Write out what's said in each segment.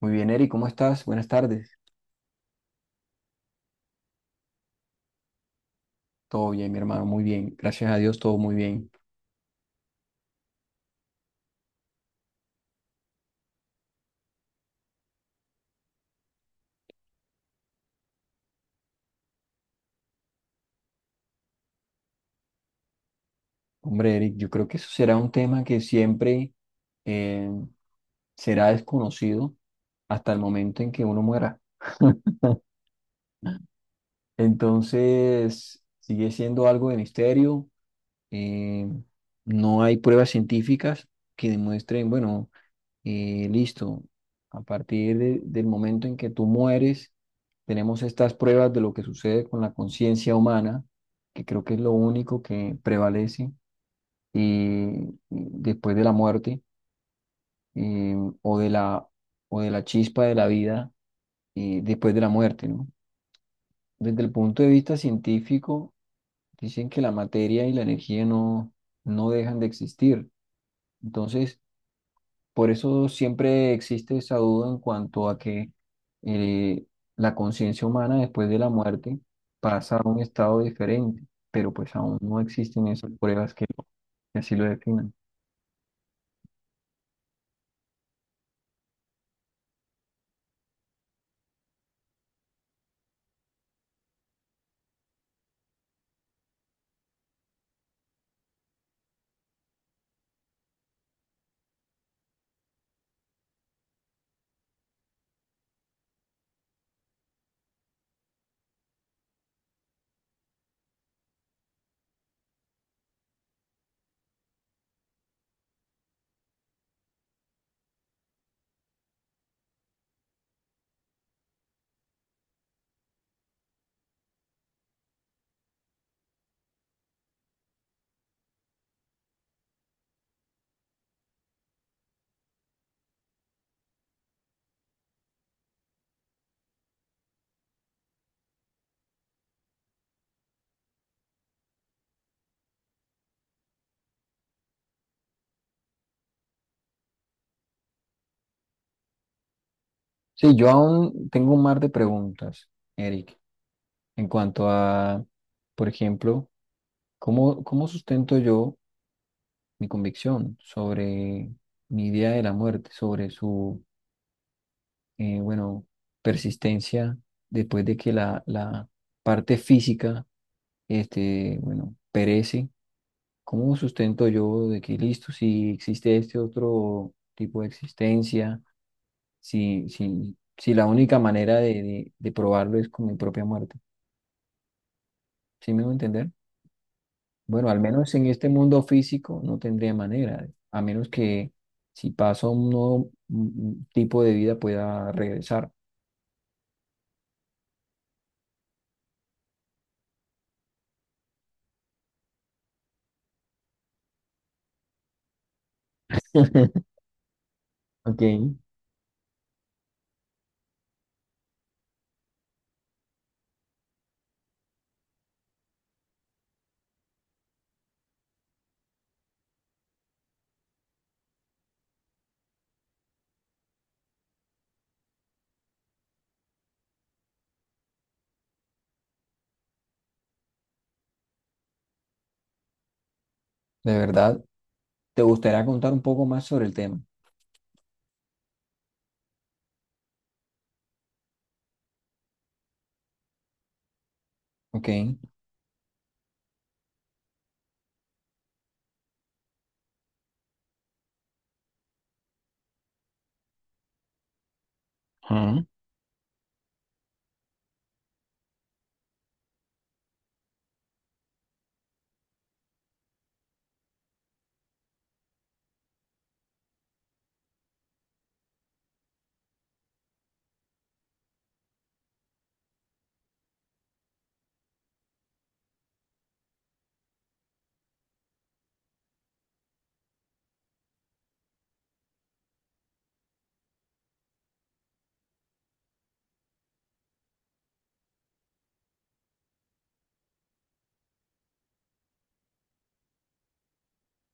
Muy bien, Eric, ¿cómo estás? Buenas tardes. Todo bien, mi hermano, muy bien. Gracias a Dios, todo muy bien. Hombre, Eric, yo creo que eso será un tema que siempre eh, será desconocido hasta el momento en que uno muera. Entonces, sigue siendo algo de misterio. eh, no hay pruebas científicas que demuestren, bueno, listo, a partir del momento en que tú mueres, tenemos estas pruebas de lo que sucede con la conciencia humana, que creo que es lo único que prevalece después de la muerte, eh, o de la, o de la chispa de la vida después de la muerte, ¿no? Desde el punto de vista científico, dicen que la materia y la energía no, no dejan de existir. Entonces, por eso siempre existe esa duda en cuanto a que eh, la conciencia humana después de la muerte pasa a un estado diferente, pero pues aún no existen esas pruebas que así lo definan. Sí, yo aún tengo un mar de preguntas, Eric, en cuanto a, por ejemplo, ¿cómo, cómo sustento yo mi convicción sobre mi idea de la muerte, sobre su bueno, persistencia, después de que la parte física, este, bueno, perece, ¿cómo sustento yo de que listo, si existe este otro tipo de existencia, si, si la única manera de probarlo es con mi propia muerte? ¿Sí me voy a entender? Bueno, al menos en este mundo físico no tendría manera, a menos que si paso un nuevo tipo de vida pueda regresar. Ok, de verdad. ¿Te gustaría contar un poco más sobre el tema? Ok, ajá,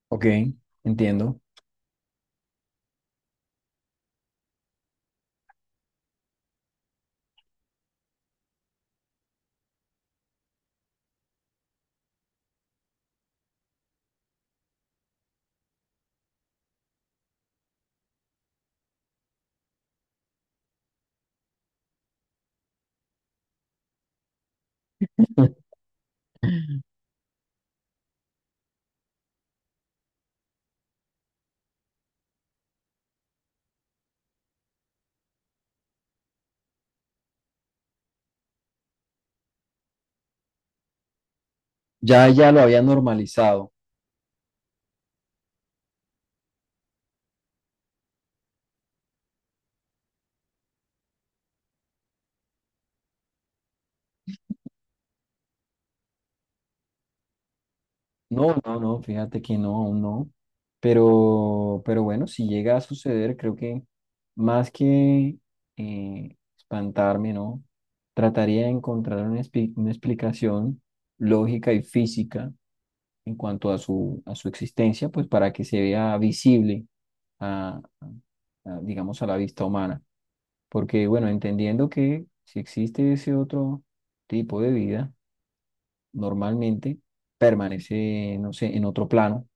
ok, entiendo. Ya, ya lo había normalizado. No, no, no, fíjate que no, aún no. Pero bueno, si llega a suceder, creo que más que espantarme, ¿no? Trataría de encontrar una, una explicación lógica y física en cuanto a su existencia, pues para que se vea visible a, a, digamos, a la vista humana. Porque, bueno, entendiendo que si existe ese otro tipo de vida, normalmente permanece, no sé, en otro plano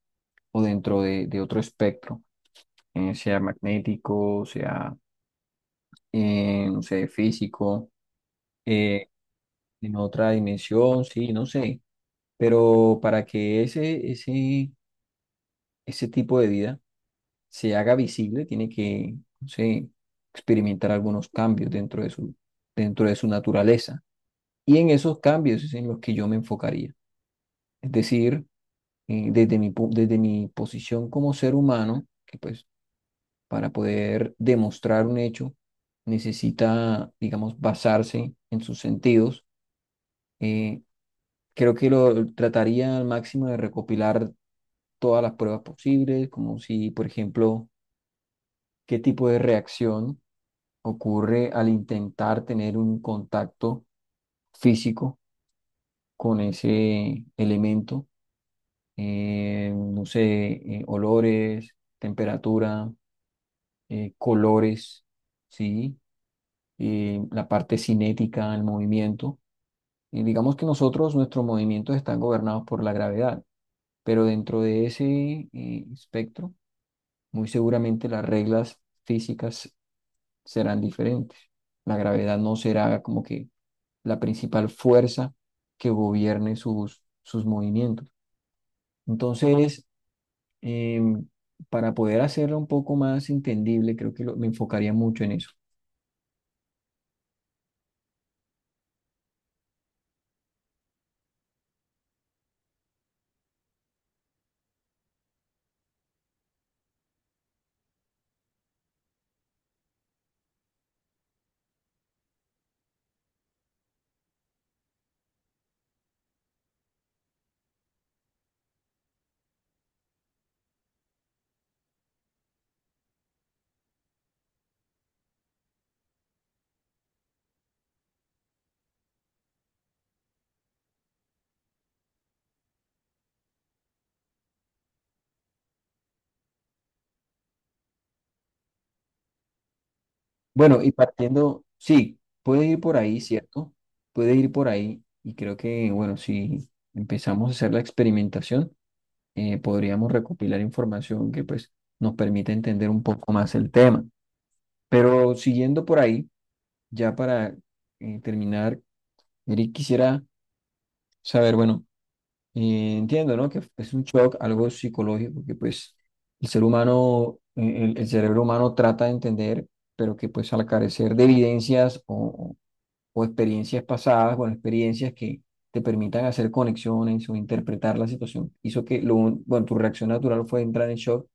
o dentro de otro espectro, sea magnético, sea, no sé, físico, eh, en otra dimensión, sí, no sé. Pero para que ese tipo de vida se haga visible, tiene que, no sé, experimentar algunos cambios dentro de su naturaleza. Y en esos cambios es en los que yo me enfocaría. Es decir, desde mi, desde mi posición como ser humano, que pues para poder demostrar un hecho necesita, digamos, basarse en sus sentidos, eh, creo que lo trataría al máximo de recopilar todas las pruebas posibles, como si, por ejemplo, qué tipo de reacción ocurre al intentar tener un contacto físico con ese elemento, no sé, olores, temperatura, colores, ¿sí? La parte cinética, el movimiento. Y digamos que nosotros, nuestros movimientos están gobernados por la gravedad, pero dentro de ese espectro, muy seguramente las reglas físicas serán diferentes. La gravedad no será como que la principal fuerza que gobierne sus, sus movimientos. Entonces, eh, para poder hacerlo un poco más entendible, creo que me enfocaría mucho en eso. Bueno, y partiendo, sí, puede ir por ahí, ¿cierto? Puede ir por ahí. Y creo que, bueno, si empezamos a hacer la experimentación, podríamos recopilar información que pues nos permita entender un poco más el tema. Pero siguiendo por ahí, ya para terminar, Eric, quisiera saber, bueno, entiendo, ¿no? Que es un shock, algo psicológico, que pues el ser humano, el cerebro humano trata de entender, pero que pues al carecer de evidencias o experiencias pasadas, bueno, experiencias que te permitan hacer conexiones o interpretar la situación, hizo que, lo, bueno, tu reacción natural fue entrar en shock,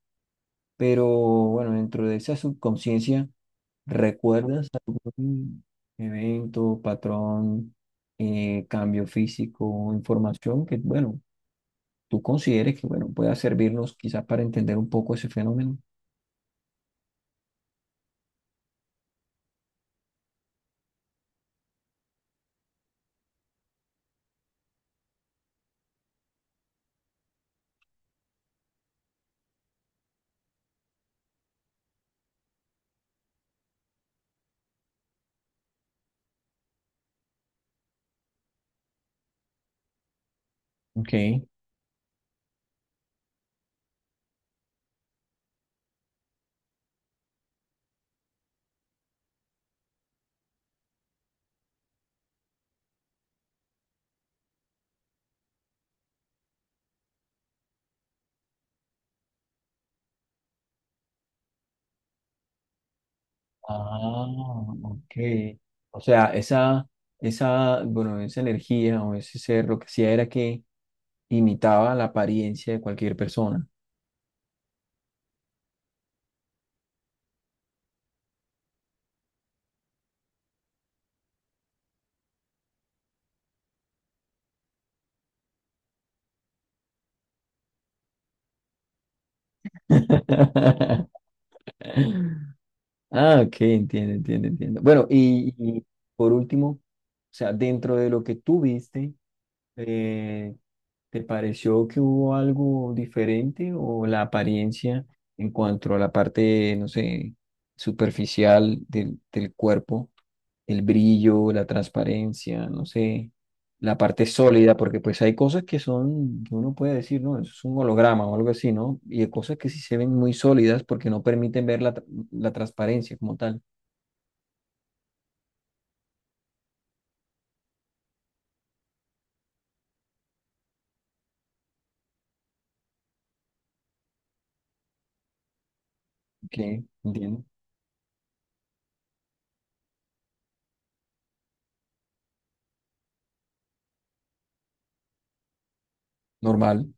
pero bueno, dentro de esa subconsciencia, ¿recuerdas algún evento, patrón, cambio físico, información que, bueno, tú consideres que, bueno, pueda servirnos quizás para entender un poco ese fenómeno? Ok. Ah, ok. O sea, esa, bueno, esa energía o ese ser lo que hacía era que imitaba la apariencia de cualquier persona. Ah, ok, entiendo, entiendo, entiendo. Bueno, y por último, o sea, dentro de lo que tú viste, eh, ¿te pareció que hubo algo diferente o la apariencia en cuanto a la parte, no sé, superficial del, del cuerpo, el brillo, la transparencia, no sé? La parte sólida, porque pues hay cosas que son, que uno puede decir, ¿no? Eso es un holograma o algo así, ¿no? Y hay cosas que sí se ven muy sólidas porque no permiten ver la, la transparencia como tal. Que entiendo. Normal.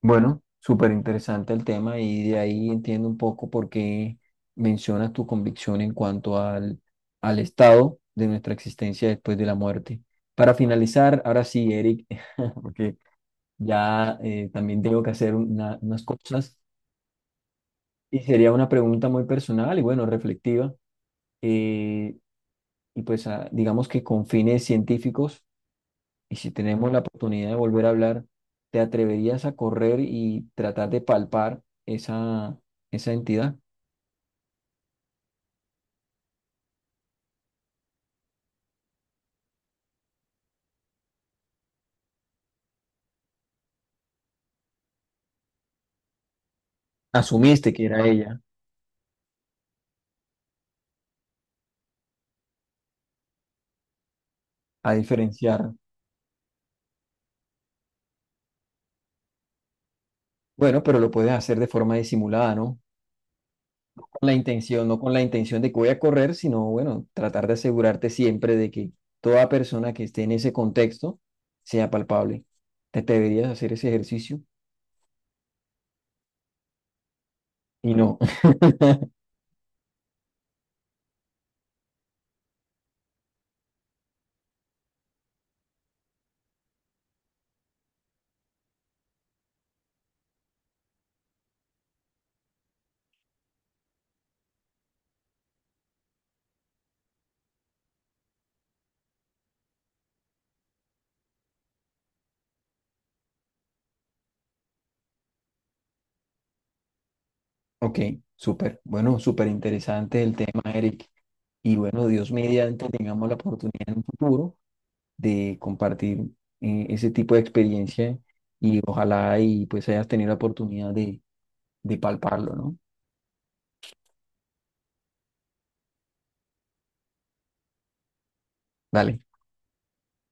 Bueno, súper interesante el tema y de ahí entiendo un poco por qué mencionas tu convicción en cuanto al, al estado de nuestra existencia después de la muerte. Para finalizar, ahora sí, Eric, porque ya también tengo que hacer unas cosas. Y sería una pregunta muy personal y bueno, reflectiva. eh, y pues ah, digamos que con fines científicos, y si tenemos la oportunidad de volver a hablar, ¿te atreverías a correr y tratar de palpar esa, esa entidad? Asumiste que era ella, a diferenciar. Bueno, pero lo puedes hacer de forma disimulada, ¿no? No con la intención, no con la intención de que voy a correr, sino bueno, tratar de asegurarte siempre de que toda persona que esté en ese contexto sea palpable. ¿Te atreverías a hacer ese ejercicio? Y no. Ok, súper. Bueno, súper interesante el tema, Eric. Y bueno, Dios mediante, tengamos la oportunidad en un futuro de compartir ese tipo de experiencia y ojalá y pues hayas tenido la oportunidad de palparlo, ¿no? Dale.